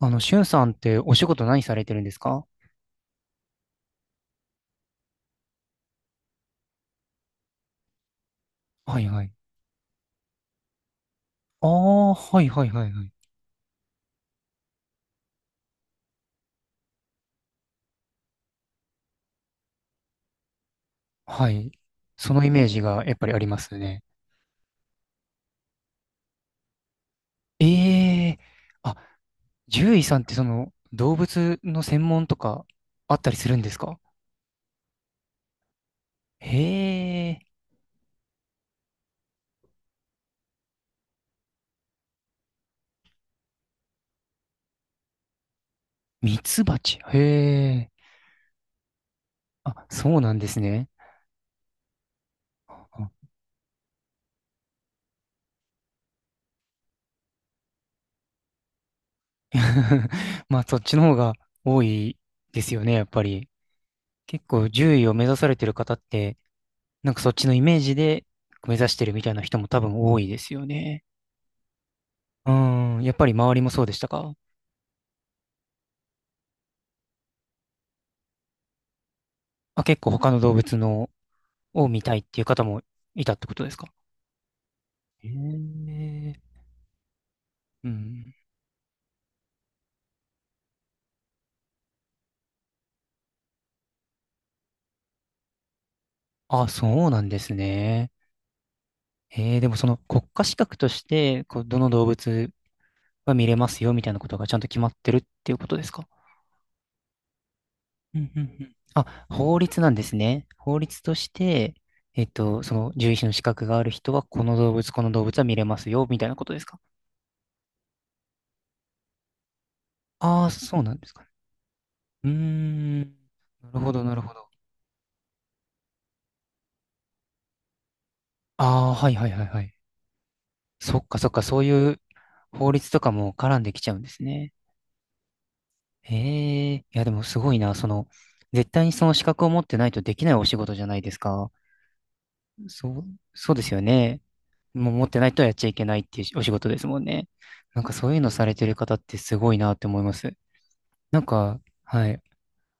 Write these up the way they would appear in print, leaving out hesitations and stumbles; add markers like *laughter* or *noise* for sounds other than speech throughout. しゅんさんってお仕事何されてるんですか？はいはい。ああ、はいはいはいはい。はい。そのイメージがやっぱりありますね。ええ。あ、獣医さんってその動物の専門とかあったりするんですか？へえ、ミツバチ。へえ。あ、そうなんですね。あ。 *laughs* まあそっちの方が多いですよね、やっぱり。結構獣医を目指されてる方って、なんかそっちのイメージで目指してるみたいな人も多分多いですよね。うん、やっぱり周りもそうでしたか？あ、結構他の動物のを見たいっていう方もいたってことですか？ええ。うん。あ、そうなんですね。ええ。でもその国家資格として、こう、どの動物は見れますよみたいなことがちゃんと決まってるっていうことですか？うんうんうん。あ、法律なんですね。法律として、その獣医師の資格がある人は、この動物、この動物は見れますよみたいなことですか？ああ、そうなんですかね。うーん。なるほど、なるほど。ああ、はいはいはいはい。そっかそっか、そういう法律とかも絡んできちゃうんですね。へえ。いや、でもすごいな。その、絶対にその資格を持ってないとできないお仕事じゃないですか。そう、そうですよね。もう持ってないとやっちゃいけないっていうお仕事ですもんね。なんかそういうのされてる方ってすごいなって思います。なんか、はい。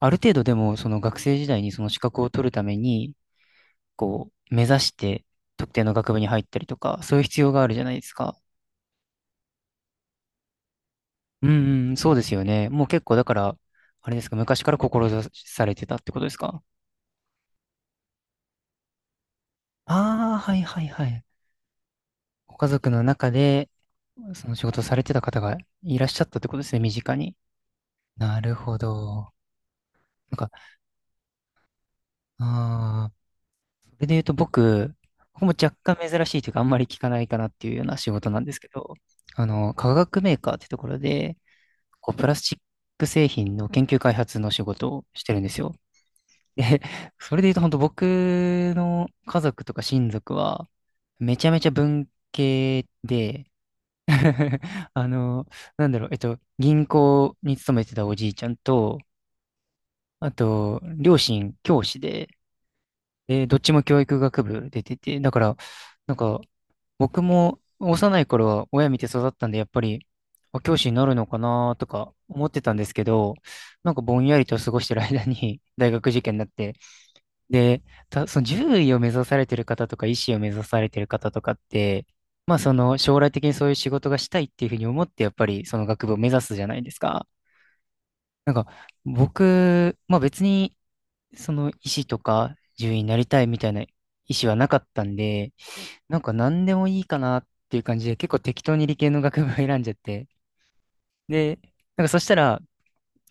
ある程度でも、その学生時代にその資格を取るために、こう、目指して特定の学部に入ったりとか、そういう必要があるじゃないですか。うんうん、そうですよね。もう結構だから、あれですか、昔から志されてたってことですか？ああ、はいはいはい。ご家族の中で、その仕事をされてた方がいらっしゃったってことですね、身近に。なるほど。なんか、ああ、それで言うと僕、ここも若干珍しいというか、あんまり聞かないかなっていうような仕事なんですけど、化学メーカーってところで、こう、プラスチック製品の研究開発の仕事をしてるんですよ。で、それで言うと本当僕の家族とか親族は、めちゃめちゃ文系で、*laughs* あの、なんだろう、銀行に勤めてたおじいちゃんと、あと、両親教師で、で、どっちも教育学部出てて、だから、なんか、僕も幼い頃は親見て育ったんで、やっぱり、あ、教師になるのかなとか思ってたんですけど、なんかぼんやりと過ごしてる間に *laughs* 大学受験になって、で、その獣医を目指されてる方とか医師を目指されてる方とかって、まあその将来的にそういう仕事がしたいっていうふうに思って、やっぱりその学部を目指すじゃないですか。なんか僕、まあ別にその医師とか獣医になりたいみたいな意思はなかったんで、なんか何でもいいかなっていう感じで結構適当に理系の学部を選んじゃって。で、なんかそしたら、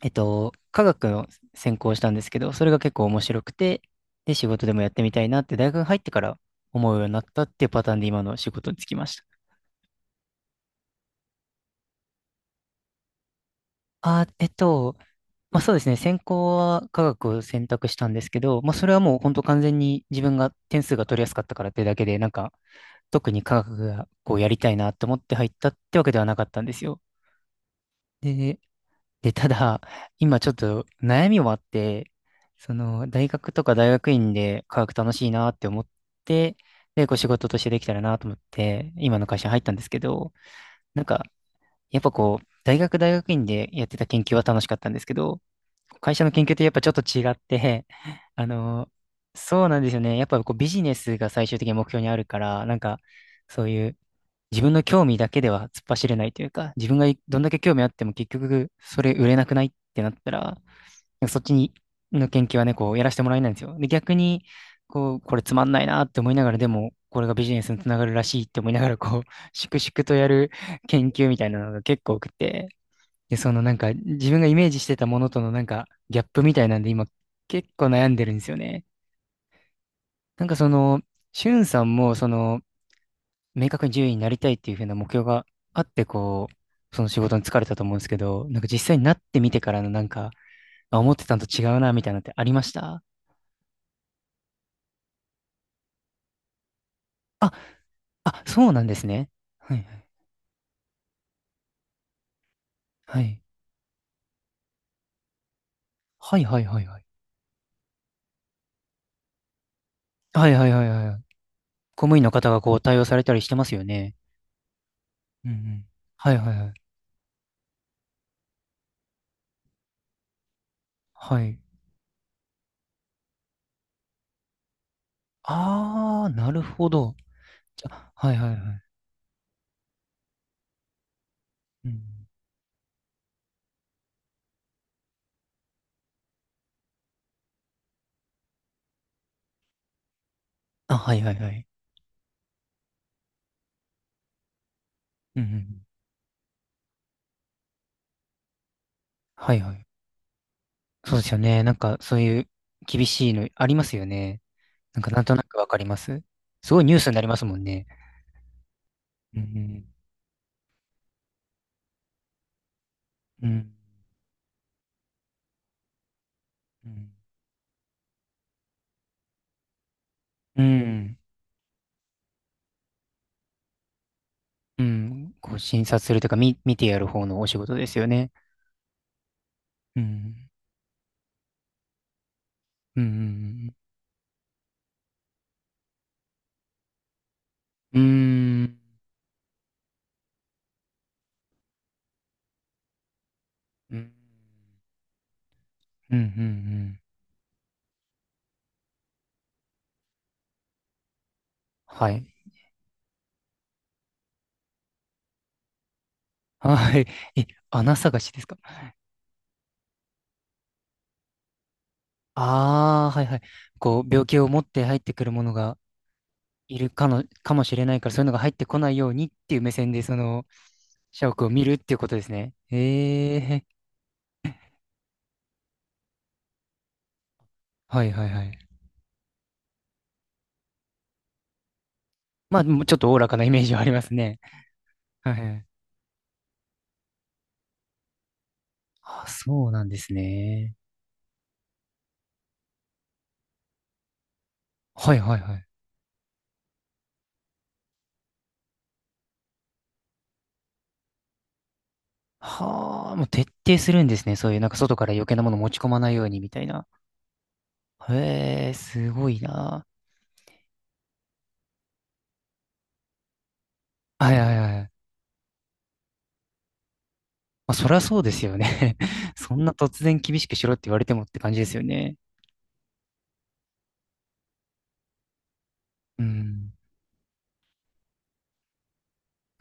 科学を専攻したんですけど、それが結構面白くて、で、仕事でもやってみたいなって大学入ってから思うようになったっていうパターンで今の仕事に就きました。あ、まあそうですね、専攻は科学を選択したんですけど、まあそれはもう本当完全に自分が点数が取りやすかったからってだけで、なんか特に科学がこうやりたいなって思って入ったってわけではなかったんですよ。で、ただ、今ちょっと悩みもあって、その、大学とか大学院で科学楽しいなって思って、で、こう仕事としてできたらなと思って、今の会社に入ったんですけど、なんか、やっぱこう、大学大学院でやってた研究は楽しかったんですけど、会社の研究ってやっぱちょっと違って、*laughs* あの、そうなんですよね。やっぱこうビジネスが最終的に目標にあるから、なんか、そういう自分の興味だけでは突っ走れないというか、自分がどんだけ興味あっても結局それ売れなくないってなったら、なんかそっちにの研究はね、こうやらせてもらえないんですよ。で、逆に、こう、これつまんないなって思いながら、でも、これがビジネスにつながるらしいって思いながら、こう、粛々とやる研究みたいなのが結構多くて、で、そのなんか自分がイメージしてたものとのなんかギャップみたいなんで今結構悩んでるんですよね。なんかその、しゅんさんもその、明確に獣医になりたいっていうふうな目標があって、こう、その仕事に疲れたと思うんですけど、なんか実際になってみてからのなんか、あ、思ってたのと違うな、みたいなのってありました？あ、あ、そうなんですね。はいはい。はい。はいはいはいはい。はいはいはいはいはい。公務員の方がこう対応されたりしてますよね。うんうん。はいはいはい。はい。あー、なるほど。あ、はいはいはい。うん。あ、はいはいはい。うんうんうん。はいはい。そうですよね。なんかそういう厳しいのありますよね。なんかなんとなくわかります。すごいニュースになりますもんね。うん、うん、うん、うん、うん、こう診察するというか、見てやる方のお仕事ですよね。うん、うん、うん、うん、うん、うん、うん、うん。はい。はい。え、穴探しですか？ああー、はいはい。こう、病気を持って入ってくるものがいるかの、かもしれないから、そういうのが入ってこないようにっていう目線で、その、社屋を見るっていうことですね。ええ。はいはいはい。まあ、もうちょっとおおらかなイメージはありますね。はいはい。あ、そうなんですね。はいはいはい。はあ、もう徹底するんですね。そういう、なんか外から余計なもの持ち込まないようにみたいな。へえ、すごいな。はいはいはい。まあ、そりゃそうですよね。*laughs* そんな突然厳しくしろって言われてもって感じですよね。うん。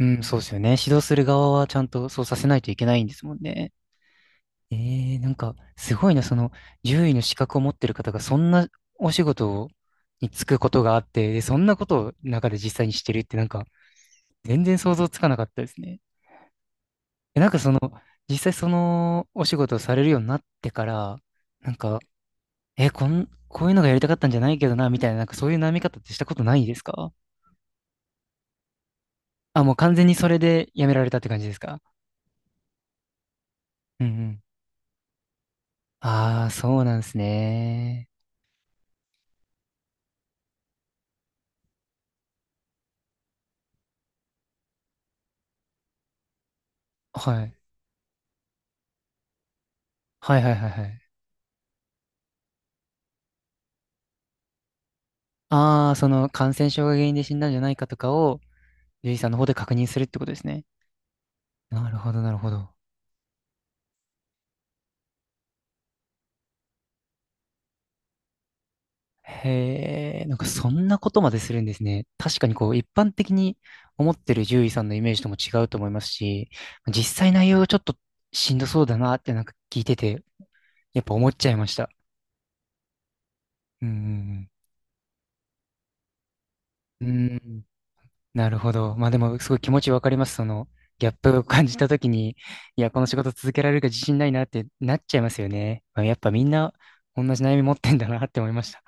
うん、そうですよね。指導する側はちゃんとそうさせないといけないんですもんね。ええ。なんか、すごいな、その、獣医の資格を持ってる方が、そんなお仕事に就くことがあって、で、そんなことを中で実際にしてるって、なんか、全然想像つかなかったですね。え、なんかその、実際そのお仕事をされるようになってから、なんか、え、こういうのがやりたかったんじゃないけどな、みたいな、なんかそういう悩み方ってしたことないですか？あ、もう完全にそれでやめられたって感じですか？うんうん。ああ、そうなんですね。はい。はいはいはいはい。ああ、その感染症が原因で死んだんじゃないかとかを、獣医さんの方で確認するってことですね。なるほど、なるほど。へえ、なんかそんなことまでするんですね。確かにこう、一般的に思ってる獣医さんのイメージとも違うと思いますし、実際内容がちょっとしんどそうだなってなんか聞いてて、やっぱ思っちゃいました。うんうんうん。うん。なるほど。まあでも、すごい気持ちわかります。その、ギャップを感じたときに、いや、この仕事続けられるか自信ないなってなっちゃいますよね。まあ、やっぱみんな同じ悩み持ってんだなって思いました。